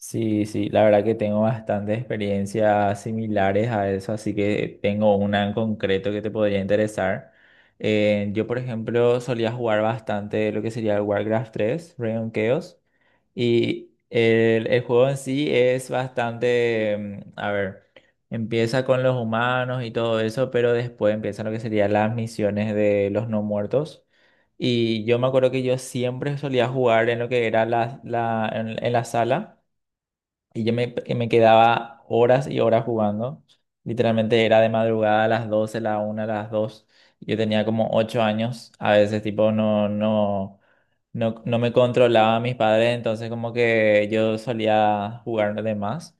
Sí, sí, la verdad que tengo bastantes experiencias similares a eso, así que tengo una en concreto que te podría interesar. Yo, por ejemplo, solía jugar bastante lo que sería el Warcraft tres, Reign of Chaos, y el juego en sí es bastante, a ver, empieza con los humanos y todo eso, pero después empiezan lo que serían las misiones de los no muertos. Y yo me acuerdo que yo siempre solía jugar en lo que era en la sala. Y que me quedaba horas y horas jugando. Literalmente era de madrugada, a las doce, a la una, a las dos. Yo tenía como 8 años. A veces, tipo, no me controlaba a mis padres. Entonces, como que yo solía jugar de más.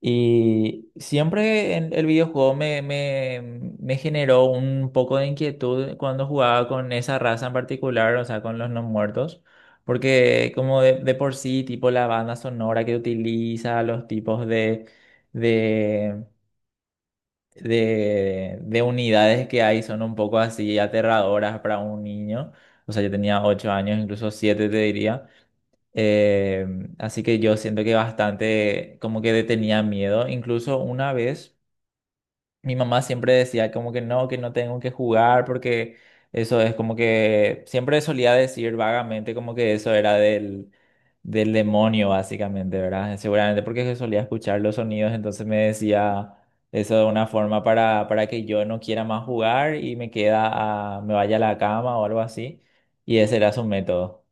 Y siempre en el videojuego me generó un poco de inquietud cuando jugaba con esa raza en particular, o sea, con los no muertos, porque como de por sí, tipo la banda sonora que utiliza, los tipos de, de unidades que hay son un poco así aterradoras para un niño. O sea, yo tenía ocho años, incluso siete te diría. Eh, así que yo siento que bastante como que le tenía miedo. Incluso una vez mi mamá siempre decía como que no tengo que jugar, porque eso es como que siempre solía decir vagamente como que eso era del demonio, básicamente, ¿verdad? Seguramente porque yo solía escuchar los sonidos, entonces me decía eso de una forma para que yo no quiera más jugar y me me vaya a la cama o algo así. Y ese era su método.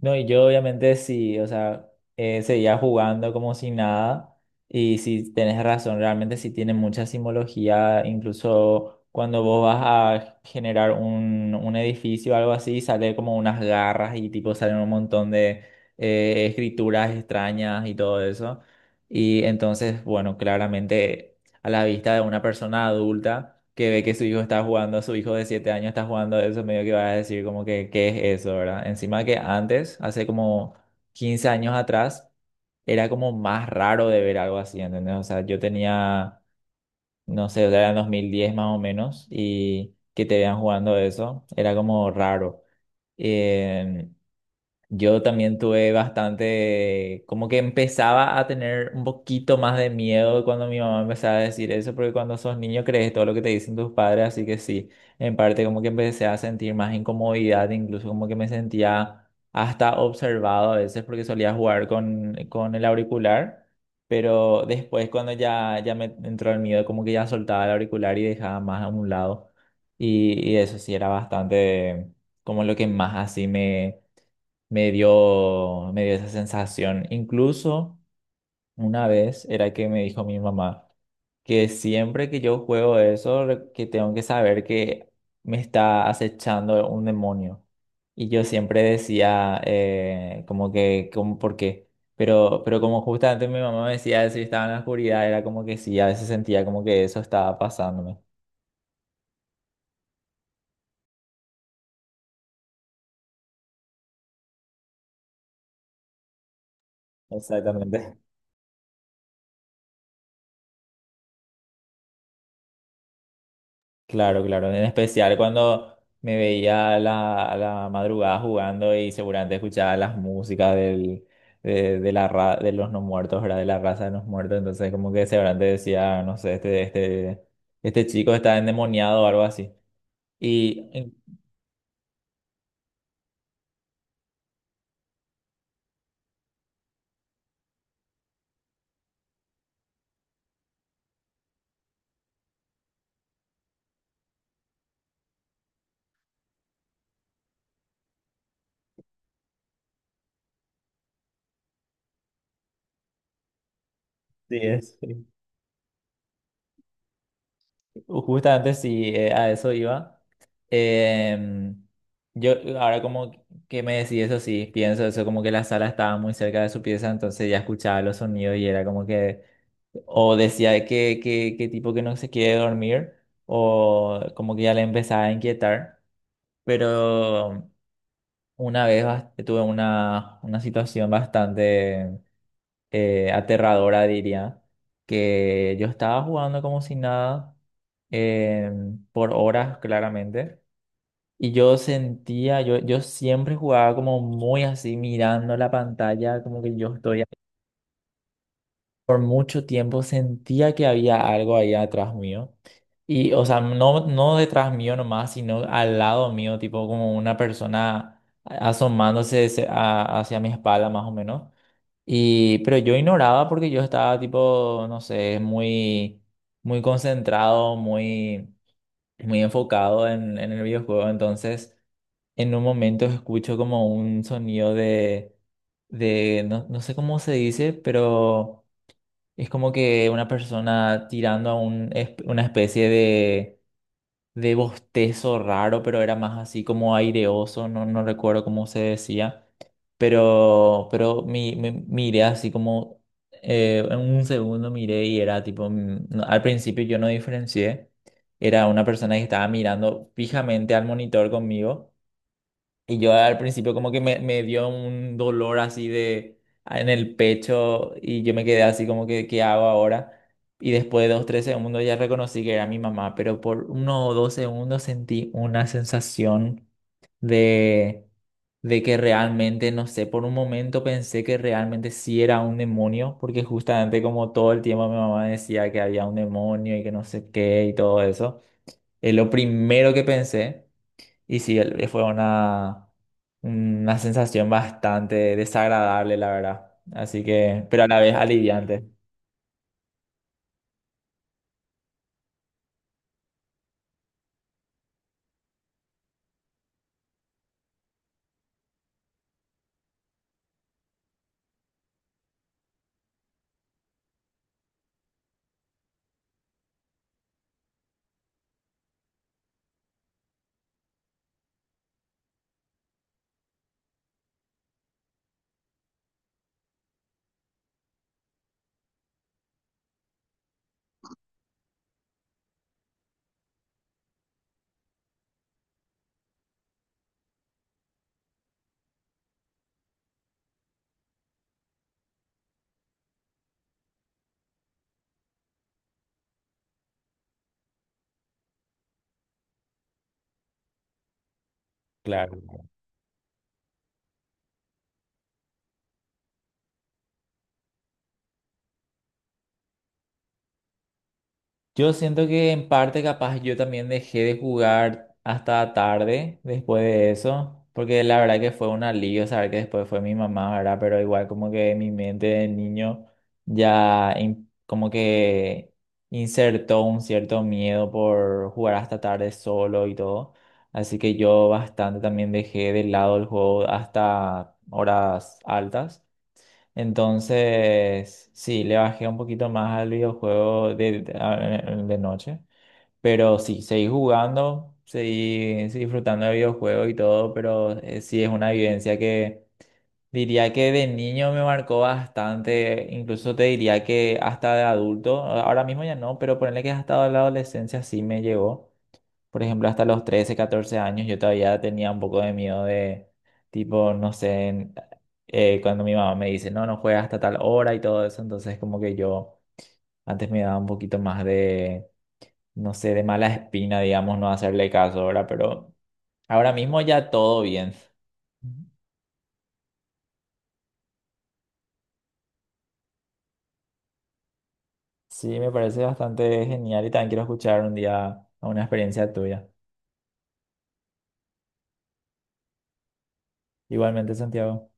No, y yo obviamente sí, o sea, seguía jugando como si nada. Y si tenés razón, realmente sí tiene mucha simbología. Incluso cuando vos vas a generar un edificio o algo así, sale como unas garras y tipo salen un montón de escrituras extrañas y todo eso. Y entonces, bueno, claramente a la vista de una persona adulta que ve que su hijo está jugando, su hijo de 7 años está jugando eso, medio que va a decir como que ¿qué es eso, verdad? Encima que antes, hace como 15 años atrás, era como más raro de ver algo así, ¿entendés? O sea, yo tenía, no sé, o sea, era en 2010 más o menos, y que te vean jugando eso, era como raro. Eh, yo también tuve bastante, como que empezaba a tener un poquito más de miedo cuando mi mamá empezaba a decir eso, porque cuando sos niño crees todo lo que te dicen tus padres, así que sí, en parte como que empecé a sentir más incomodidad, incluso como que me sentía hasta observado a veces porque solía jugar con el auricular, pero después cuando ya me entró el miedo, como que ya soltaba el auricular y dejaba más a un lado, y eso sí era bastante como lo que más así me dio esa sensación. Incluso una vez era que me dijo mi mamá que siempre que yo juego eso, que tengo que saber que me está acechando un demonio. Y yo siempre decía como que, como, ¿por qué? Pero como justamente mi mamá me decía eso y estaba en la oscuridad, era como que sí, a veces sentía como que eso estaba pasándome. Exactamente. Claro, claro, en especial cuando me veía a a la madrugada jugando y seguramente escuchaba las músicas de de los no muertos, ¿verdad? De la raza de los muertos, entonces como que seguramente decía, no sé, este chico está endemoniado o algo así. Y sí, es, sí. Justamente sí, a eso iba. Em, yo ahora como que me decís eso, sí, pienso eso, como que la sala estaba muy cerca de su pieza, entonces ya escuchaba los sonidos y era como que... O decía que tipo que no se quiere dormir, o como que ya le empezaba a inquietar. Pero una vez tuve una situación bastante aterradora, diría, que yo estaba jugando como si nada, eh, por horas claramente, y yo, yo siempre jugaba como muy así, mirando la pantalla, como que yo estoy por mucho tiempo sentía que había algo ahí atrás mío. Y, o sea, no, no detrás mío nomás, sino al lado mío, tipo como una persona asomándose hacia mi espalda más o menos. Y, pero yo ignoraba porque yo estaba tipo, no sé, muy, muy concentrado, muy, muy enfocado en el videojuego. Entonces, en un momento escucho como un sonido no, no sé cómo se dice, pero... Es como que una persona tirando a un, es una especie de bostezo raro, pero era más así como aireoso, no, no recuerdo cómo se decía. Pero miré así como, en un segundo miré y era tipo, al principio yo no diferencié, era una persona que estaba mirando fijamente al monitor conmigo. Y yo al principio como que me dio un dolor así de ah, en el pecho y yo me quedé así como que, ¿qué hago ahora? Y después de dos, tres segundos ya reconocí que era mi mamá, pero por uno o dos segundos sentí una sensación de, de que realmente, no sé, por un momento pensé que realmente sí era un demonio, porque justamente como todo el tiempo mi mamá decía que había un demonio y que no sé qué y todo eso, es lo primero que pensé. Y sí, fue una sensación bastante desagradable, la verdad. Así que, pero a la vez aliviante. Claro. Yo siento que en parte capaz yo también dejé de jugar hasta tarde después de eso, porque la verdad que fue un alivio saber que después fue mi mamá, ¿verdad? Pero igual como que mi mente de niño ya como que insertó un cierto miedo por jugar hasta tarde solo y todo. Así que yo bastante también dejé de lado el juego hasta horas altas. Entonces, sí, le bajé un poquito más al videojuego de noche, pero sí, seguí jugando, seguí disfrutando del videojuego y todo, pero sí es una vivencia que diría que de niño me marcó bastante, incluso te diría que hasta de adulto, ahora mismo ya no, pero ponerle que hasta la adolescencia sí me llegó. Por ejemplo, hasta los 13, 14 años yo todavía tenía un poco de miedo de, tipo, no sé, cuando mi mamá me dice, no, no juegas hasta tal hora y todo eso, entonces como que yo antes me daba un poquito más de, no sé, de mala espina, digamos, no hacerle caso ahora, pero ahora mismo ya todo bien. Sí, me parece bastante genial y también quiero escuchar un día una experiencia tuya. Igualmente, Santiago.